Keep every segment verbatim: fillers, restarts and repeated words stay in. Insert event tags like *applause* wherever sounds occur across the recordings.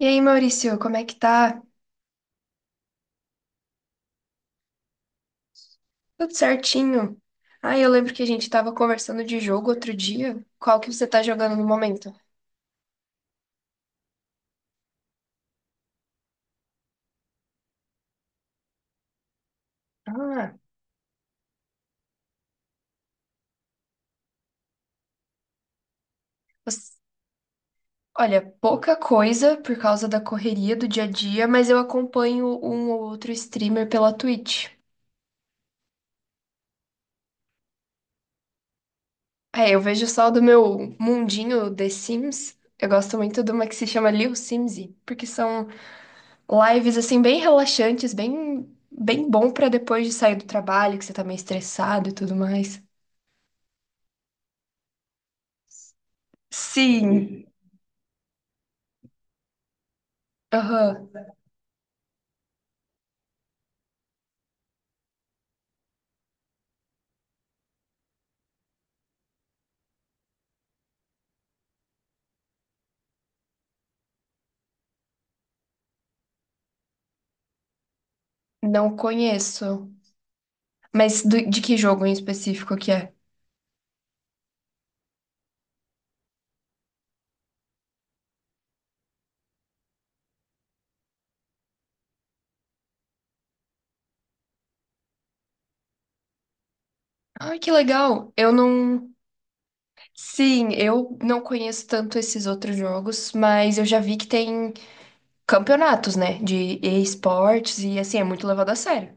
E aí, Maurício, como é que tá? Tudo certinho? Ah, eu lembro que a gente tava conversando de jogo outro dia. Qual que você tá jogando no momento? Ah, você- olha, pouca coisa por causa da correria do dia a dia, mas eu acompanho um ou outro streamer pela Twitch. É, eu vejo só do meu mundinho The Sims. Eu gosto muito de uma que se chama Lil Simsy, porque são lives assim bem relaxantes, bem bem bom pra depois de sair do trabalho, que você tá meio estressado e tudo mais. Sim. Aham. Não conheço. Mas do- de que jogo em específico que é? Ai, que legal. Eu não. Sim, eu não conheço tanto esses outros jogos, mas eu já vi que tem campeonatos, né? De esportes e assim, é muito levado a sério.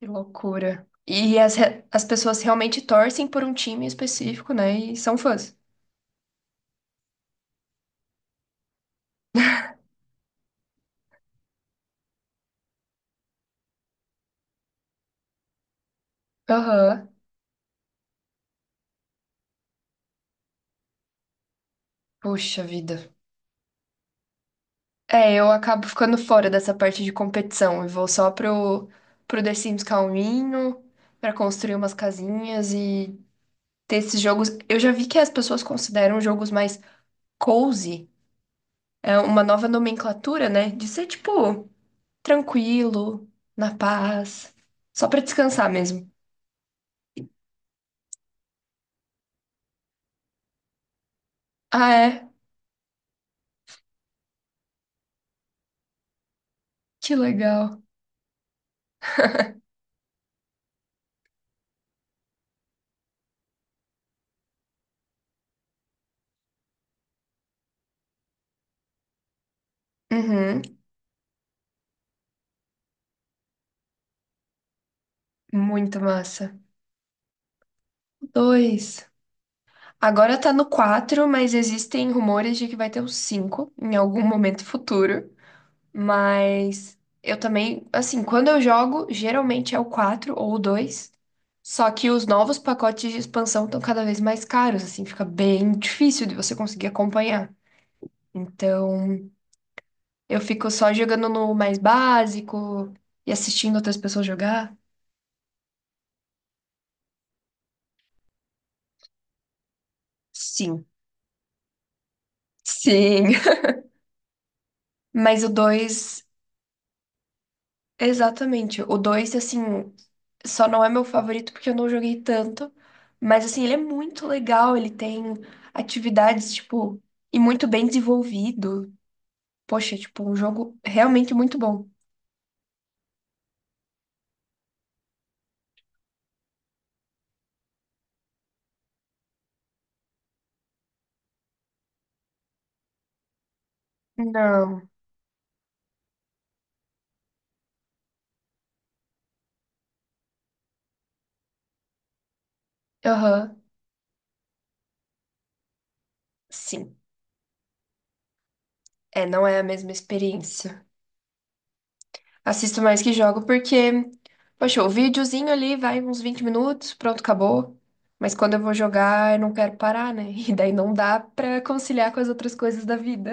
Que loucura. E as, re- as pessoas realmente torcem por um time específico, né? E são fãs. Aham. Puxa vida. É, eu acabo ficando fora dessa parte de competição e vou só pro, pro The Sims calminho, pra construir umas casinhas e ter esses jogos. Eu já vi que as pessoas consideram jogos mais cozy, é uma nova nomenclatura, né? De ser tipo tranquilo, na paz, só pra descansar mesmo. Ah, é? Que legal. Uhum, muito massa. Dois. Agora tá no quatro, mas existem rumores de que vai ter o cinco em algum momento futuro. Mas eu também, assim, quando eu jogo, geralmente é o quatro ou o dois. Só que os novos pacotes de expansão estão cada vez mais caros, assim, fica bem difícil de você conseguir acompanhar. Então, eu fico só jogando no mais básico e assistindo outras pessoas jogar. Sim, sim. *laughs* Mas o dois. Exatamente. O dois assim, só não é meu favorito porque eu não joguei tanto. Mas, assim, ele é muito legal. Ele tem atividades, tipo, e muito bem desenvolvido. Poxa, tipo, um jogo realmente muito bom. Não. Aham. Sim. É, não é a mesma experiência. Assisto mais que jogo porque, poxa, o videozinho ali vai uns vinte minutos, pronto, acabou. Mas quando eu vou jogar, eu não quero parar, né? *laughs* E daí não dá pra conciliar com as outras coisas da vida.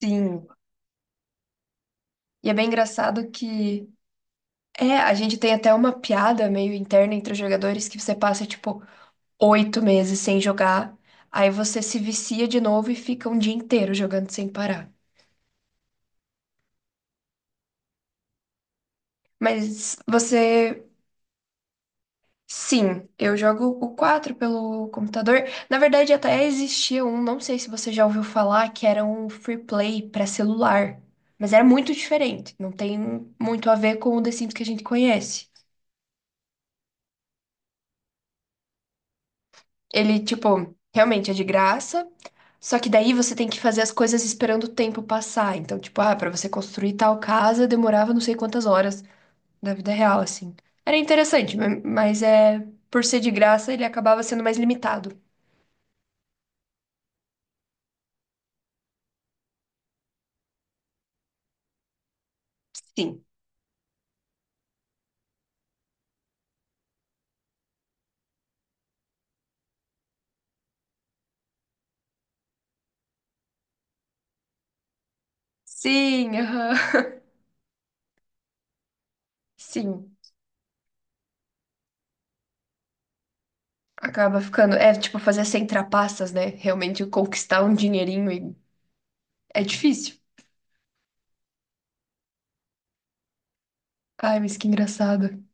Sim. E é bem engraçado que é, a gente tem até uma piada meio interna entre os jogadores que você passa, tipo, oito meses sem jogar, aí você se vicia de novo e fica um dia inteiro jogando sem parar. Mas você. Sim, eu jogo o quatro pelo computador. Na verdade, até existia um, não sei se você já ouviu falar, que era um free play para celular. Mas era muito diferente, não tem muito a ver com o The Sims que a gente conhece. Ele, tipo, realmente é de graça. Só que daí você tem que fazer as coisas esperando o tempo passar. Então, tipo, ah, pra você construir tal casa demorava não sei quantas horas da vida real, assim. Era interessante, ma- mas é por ser de graça, ele acabava sendo mais limitado. Sim. Sim, aham. Sim. Acaba ficando. É tipo fazer sem trapaças, né? Realmente conquistar um dinheirinho e é difícil. Ai, mas que engraçado.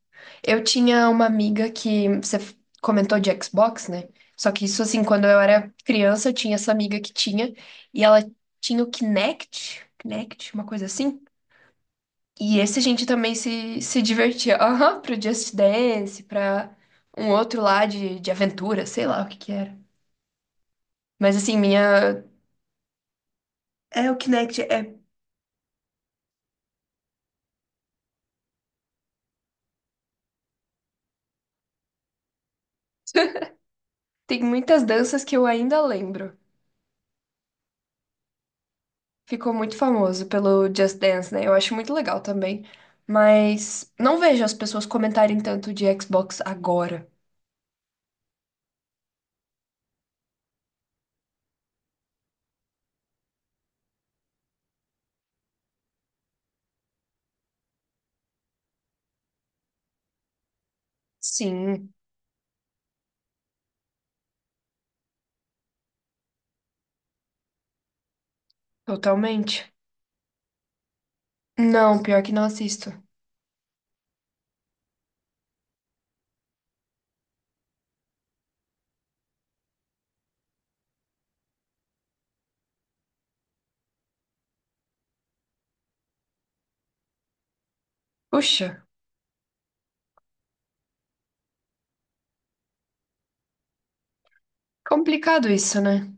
Eu tinha uma amiga que você f- comentou de Xbox, né? Só que isso, assim, quando eu era criança, eu tinha essa amiga que tinha, e ela tinha o Kinect, Kinect, uma coisa assim. E esse a gente também se, se divertia. *laughs* Aham, pro Just Dance, pra um outro lá de, de aventura, sei lá o que que era. Mas assim, minha. É, o Kinect é. *laughs* Tem muitas danças que eu ainda lembro. Ficou muito famoso pelo Just Dance, né? Eu acho muito legal também. Mas não vejo as pessoas comentarem tanto de Xbox agora. Sim, totalmente. Não, pior que não assisto. Puxa, complicado isso, né?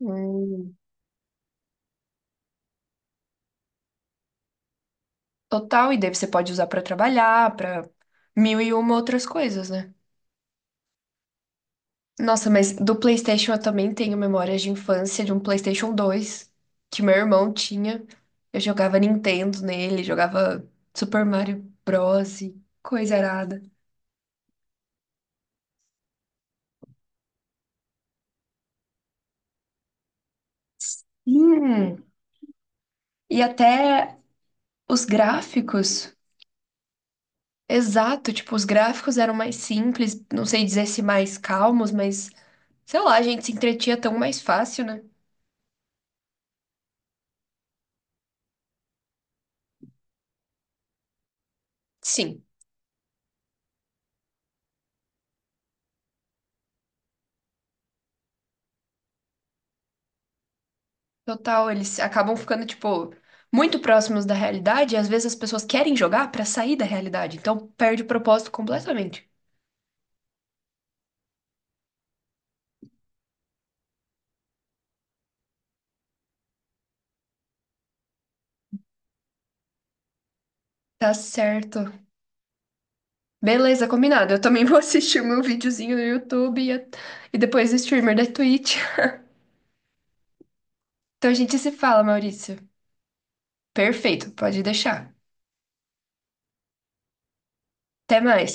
Hum, total, e daí você pode usar pra trabalhar, pra mil e uma outras coisas, né? Nossa, mas do PlayStation eu também tenho memórias de infância de um PlayStation dois que meu irmão tinha. Eu jogava Nintendo nele, jogava Super Mario Bros. E Coisa arada. Hum, e até os gráficos. Exato, tipo, os gráficos eram mais simples, não sei dizer se mais calmos, mas sei lá, a gente se entretinha tão mais fácil, né? Sim, total, eles acabam ficando, tipo, muito próximos da realidade e às vezes as pessoas querem jogar pra sair da realidade, então perde o propósito completamente. Tá certo. Beleza, combinado. Eu também *laughs* vou assistir o meu videozinho no YouTube e, a- e depois o streamer da Twitch. Então a gente se fala, Maurício. Perfeito, pode deixar. Até mais.